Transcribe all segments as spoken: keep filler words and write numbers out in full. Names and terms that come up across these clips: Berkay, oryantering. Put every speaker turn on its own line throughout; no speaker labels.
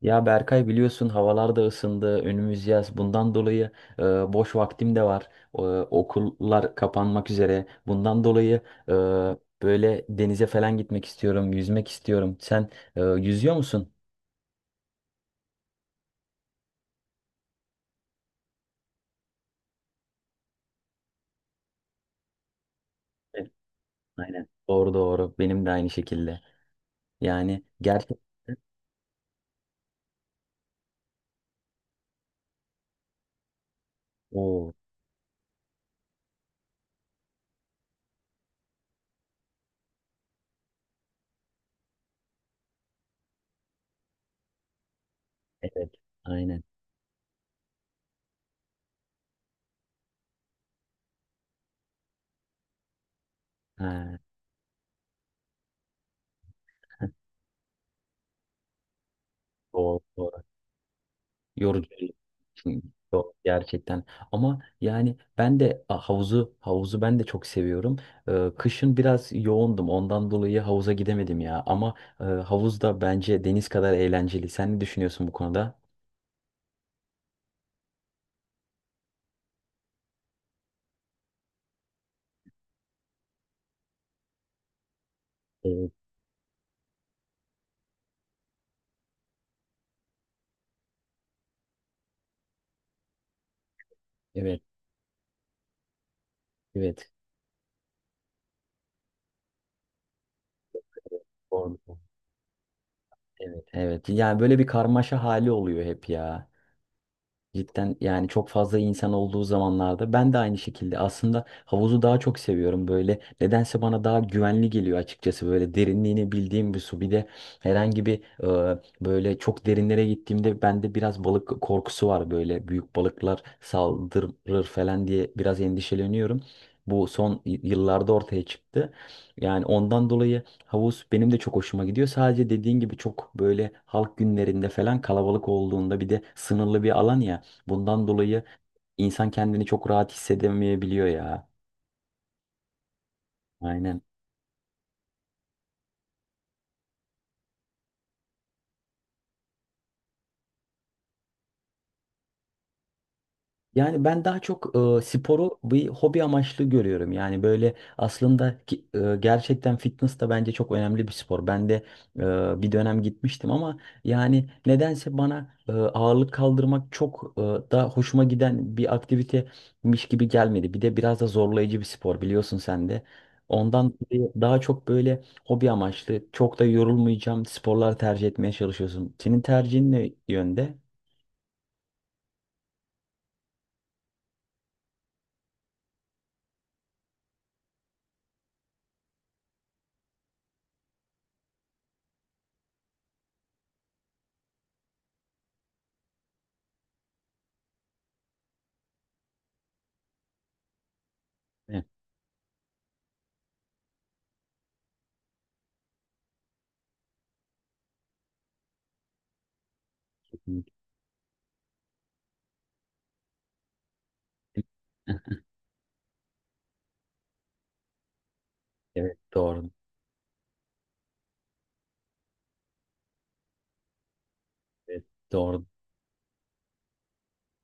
Ya Berkay biliyorsun havalar da ısındı, önümüz yaz. Bundan dolayı e, boş vaktim de var. E, okullar kapanmak üzere. Bundan dolayı e, böyle denize falan gitmek istiyorum, yüzmek istiyorum. Sen e, yüzüyor musun? Evet, aynen. Doğru doğru. Benim de aynı şekilde. Yani gerçekten. Oo, evet. Aynen. Ha, doğru. Yorucu. Yok, gerçekten. Ama yani ben de a, havuzu havuzu ben de çok seviyorum. Ee, kışın biraz yoğundum. Ondan dolayı havuza gidemedim ya. Ama e, havuz da bence deniz kadar eğlenceli. Sen ne düşünüyorsun bu konuda? Evet, evet, evet. Doğru. Evet, evet. Yani böyle bir karmaşa hali oluyor hep ya. Cidden yani çok fazla insan olduğu zamanlarda ben de aynı şekilde aslında havuzu daha çok seviyorum böyle nedense bana daha güvenli geliyor açıkçası böyle derinliğini bildiğim bir su bir de herhangi bir e, böyle çok derinlere gittiğimde bende biraz balık korkusu var böyle büyük balıklar saldırır falan diye biraz endişeleniyorum. Bu son y- yıllarda ortaya çıktı. Yani ondan dolayı havuz benim de çok hoşuma gidiyor. Sadece dediğin gibi çok böyle halk günlerinde falan kalabalık olduğunda bir de sınırlı bir alan ya. Bundan dolayı insan kendini çok rahat hissedemeyebiliyor ya. Aynen. Yani ben daha çok e, sporu bir hobi amaçlı görüyorum. Yani böyle aslında ki- e, gerçekten fitness da bence çok önemli bir spor. Ben de e, bir dönem gitmiştim ama yani nedense bana e, ağırlık kaldırmak çok e, da hoşuma giden bir aktivitemiş gibi gelmedi. Bir de biraz da zorlayıcı bir spor biliyorsun sen de. Ondan dolayı daha çok böyle hobi amaçlı, çok da yorulmayacağım sporlar tercih etmeye çalışıyorsun. Senin tercihin ne yönde? Evet, kesinlikle. Evet, doğru. Evet, doğru.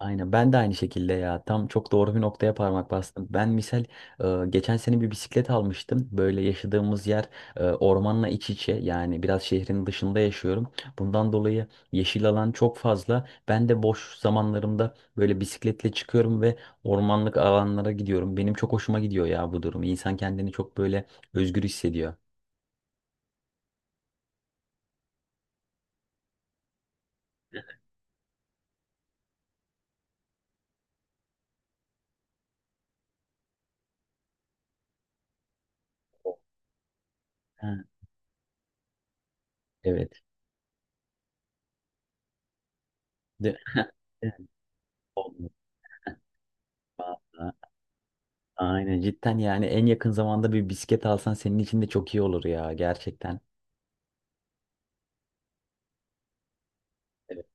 Aynen ben de aynı şekilde ya tam çok doğru bir noktaya parmak bastım. Ben misal e, geçen sene bir bisiklet almıştım. Böyle yaşadığımız yer e, ormanla iç içe yani biraz şehrin dışında yaşıyorum. Bundan dolayı yeşil alan çok fazla. Ben de boş zamanlarımda böyle bisikletle çıkıyorum ve ormanlık alanlara gidiyorum. Benim çok hoşuma gidiyor ya bu durum. İnsan kendini çok böyle özgür hissediyor. Ha, evet. De- Evet, olmuyor. Aynen cidden yani en yakın zamanda bir bisiklet alsan senin için de çok iyi olur ya gerçekten. Evet,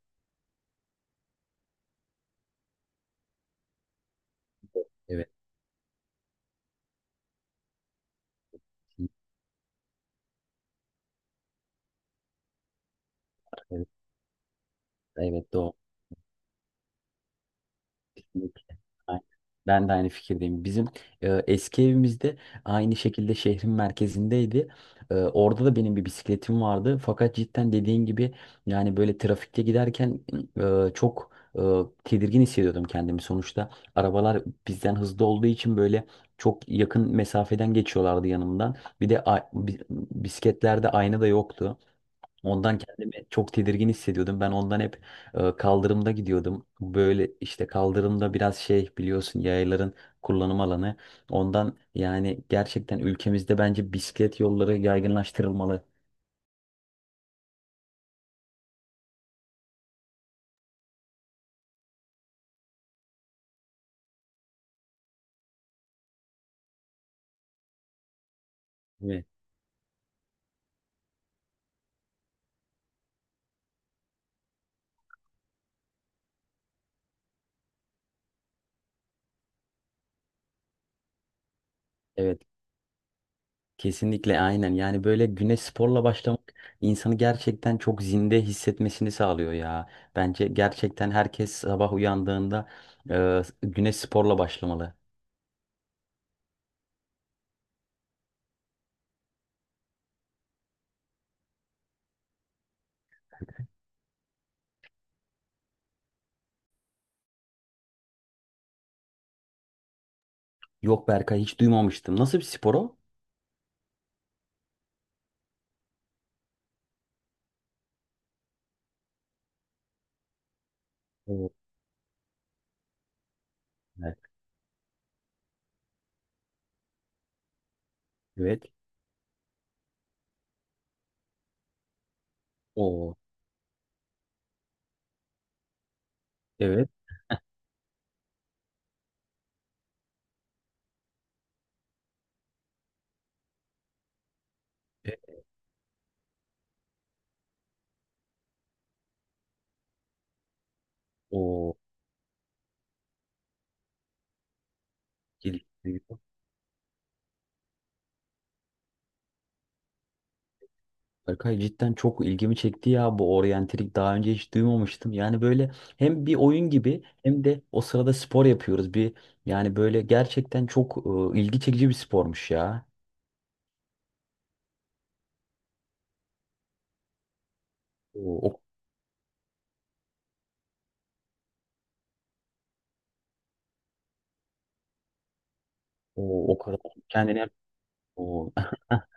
evet, evet, evet doğru. Kesinlikle. Aynen. Ben de aynı fikirdeyim. Bizim e, eski evimizde aynı şekilde şehrin merkezindeydi. E, orada da benim bir bisikletim vardı. Fakat cidden dediğin gibi yani böyle trafikte giderken e, çok e, tedirgin hissediyordum kendimi. Sonuçta arabalar bizden hızlı olduğu için böyle çok yakın mesafeden geçiyorlardı yanımdan. Bir de a- bi- bisikletlerde ayna da yoktu. Ondan kendimi çok tedirgin hissediyordum. Ben ondan hep e, kaldırımda gidiyordum. Böyle işte kaldırımda biraz şey biliyorsun yayların kullanım alanı. Ondan yani gerçekten ülkemizde bence bisiklet yolları yaygınlaştırılmalı. Evet. Evet, kesinlikle aynen. Yani böyle güne sporla başlamak insanı gerçekten çok zinde hissetmesini sağlıyor ya. Bence gerçekten herkes sabah uyandığında e, güne sporla başlamalı. Yok Berkay hiç duymamıştım. Nasıl bir spor o? Evet. Evet. O evet. E, o geliyor. Berkay cidden çok ilgimi çekti ya bu oryantalik daha önce hiç duymamıştım. Yani böyle hem bir oyun gibi hem de o sırada spor yapıyoruz. Bir yani böyle gerçekten çok e, ilgi çekici bir spormuş ya. O o, o, o kadar kendini o,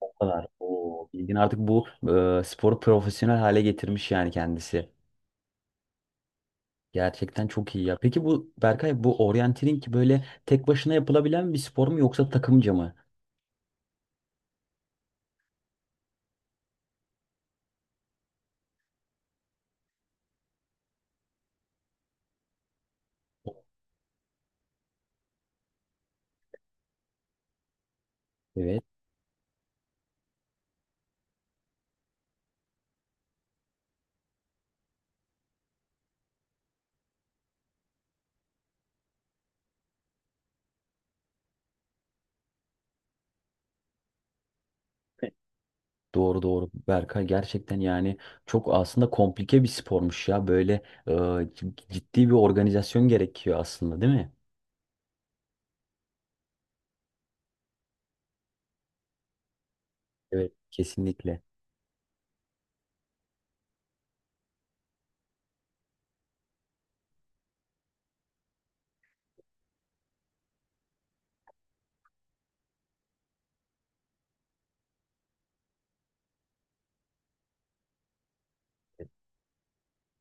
o kadar o bilgin artık bu e, sporu profesyonel hale getirmiş yani kendisi. Gerçekten çok iyi ya. Peki bu Berkay bu oryantering böyle tek başına yapılabilen bir spor mu yoksa takımca mı? Evet. Doğru doğru Berkay gerçekten yani çok aslında komplike bir spormuş ya böyle e, c- ciddi bir organizasyon gerekiyor aslında değil mi? Evet kesinlikle.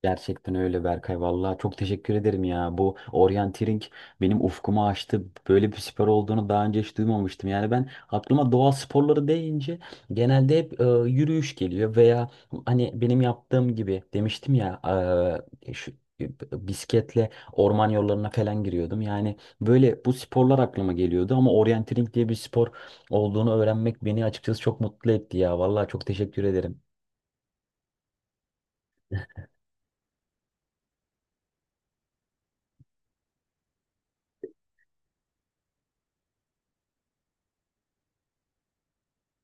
Gerçekten öyle Berkay. Vallahi çok teşekkür ederim ya. Bu oryanteering benim ufkumu açtı. Böyle bir spor olduğunu daha önce hiç duymamıştım. Yani ben aklıma doğa sporları deyince genelde hep e, yürüyüş geliyor veya hani benim yaptığım gibi demiştim ya e, şu e, bisikletle orman yollarına falan giriyordum. Yani böyle bu sporlar aklıma geliyordu ama oryanteering diye bir spor olduğunu öğrenmek beni açıkçası çok mutlu etti ya. Vallahi çok teşekkür ederim.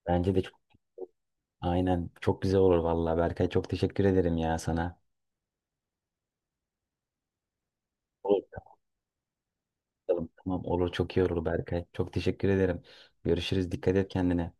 Bence de aynen. Çok güzel olur vallahi Berkay. Çok teşekkür ederim ya sana. Olur. Tamam olur. Çok iyi olur Berkay. Çok teşekkür ederim. Görüşürüz. Dikkat et kendine.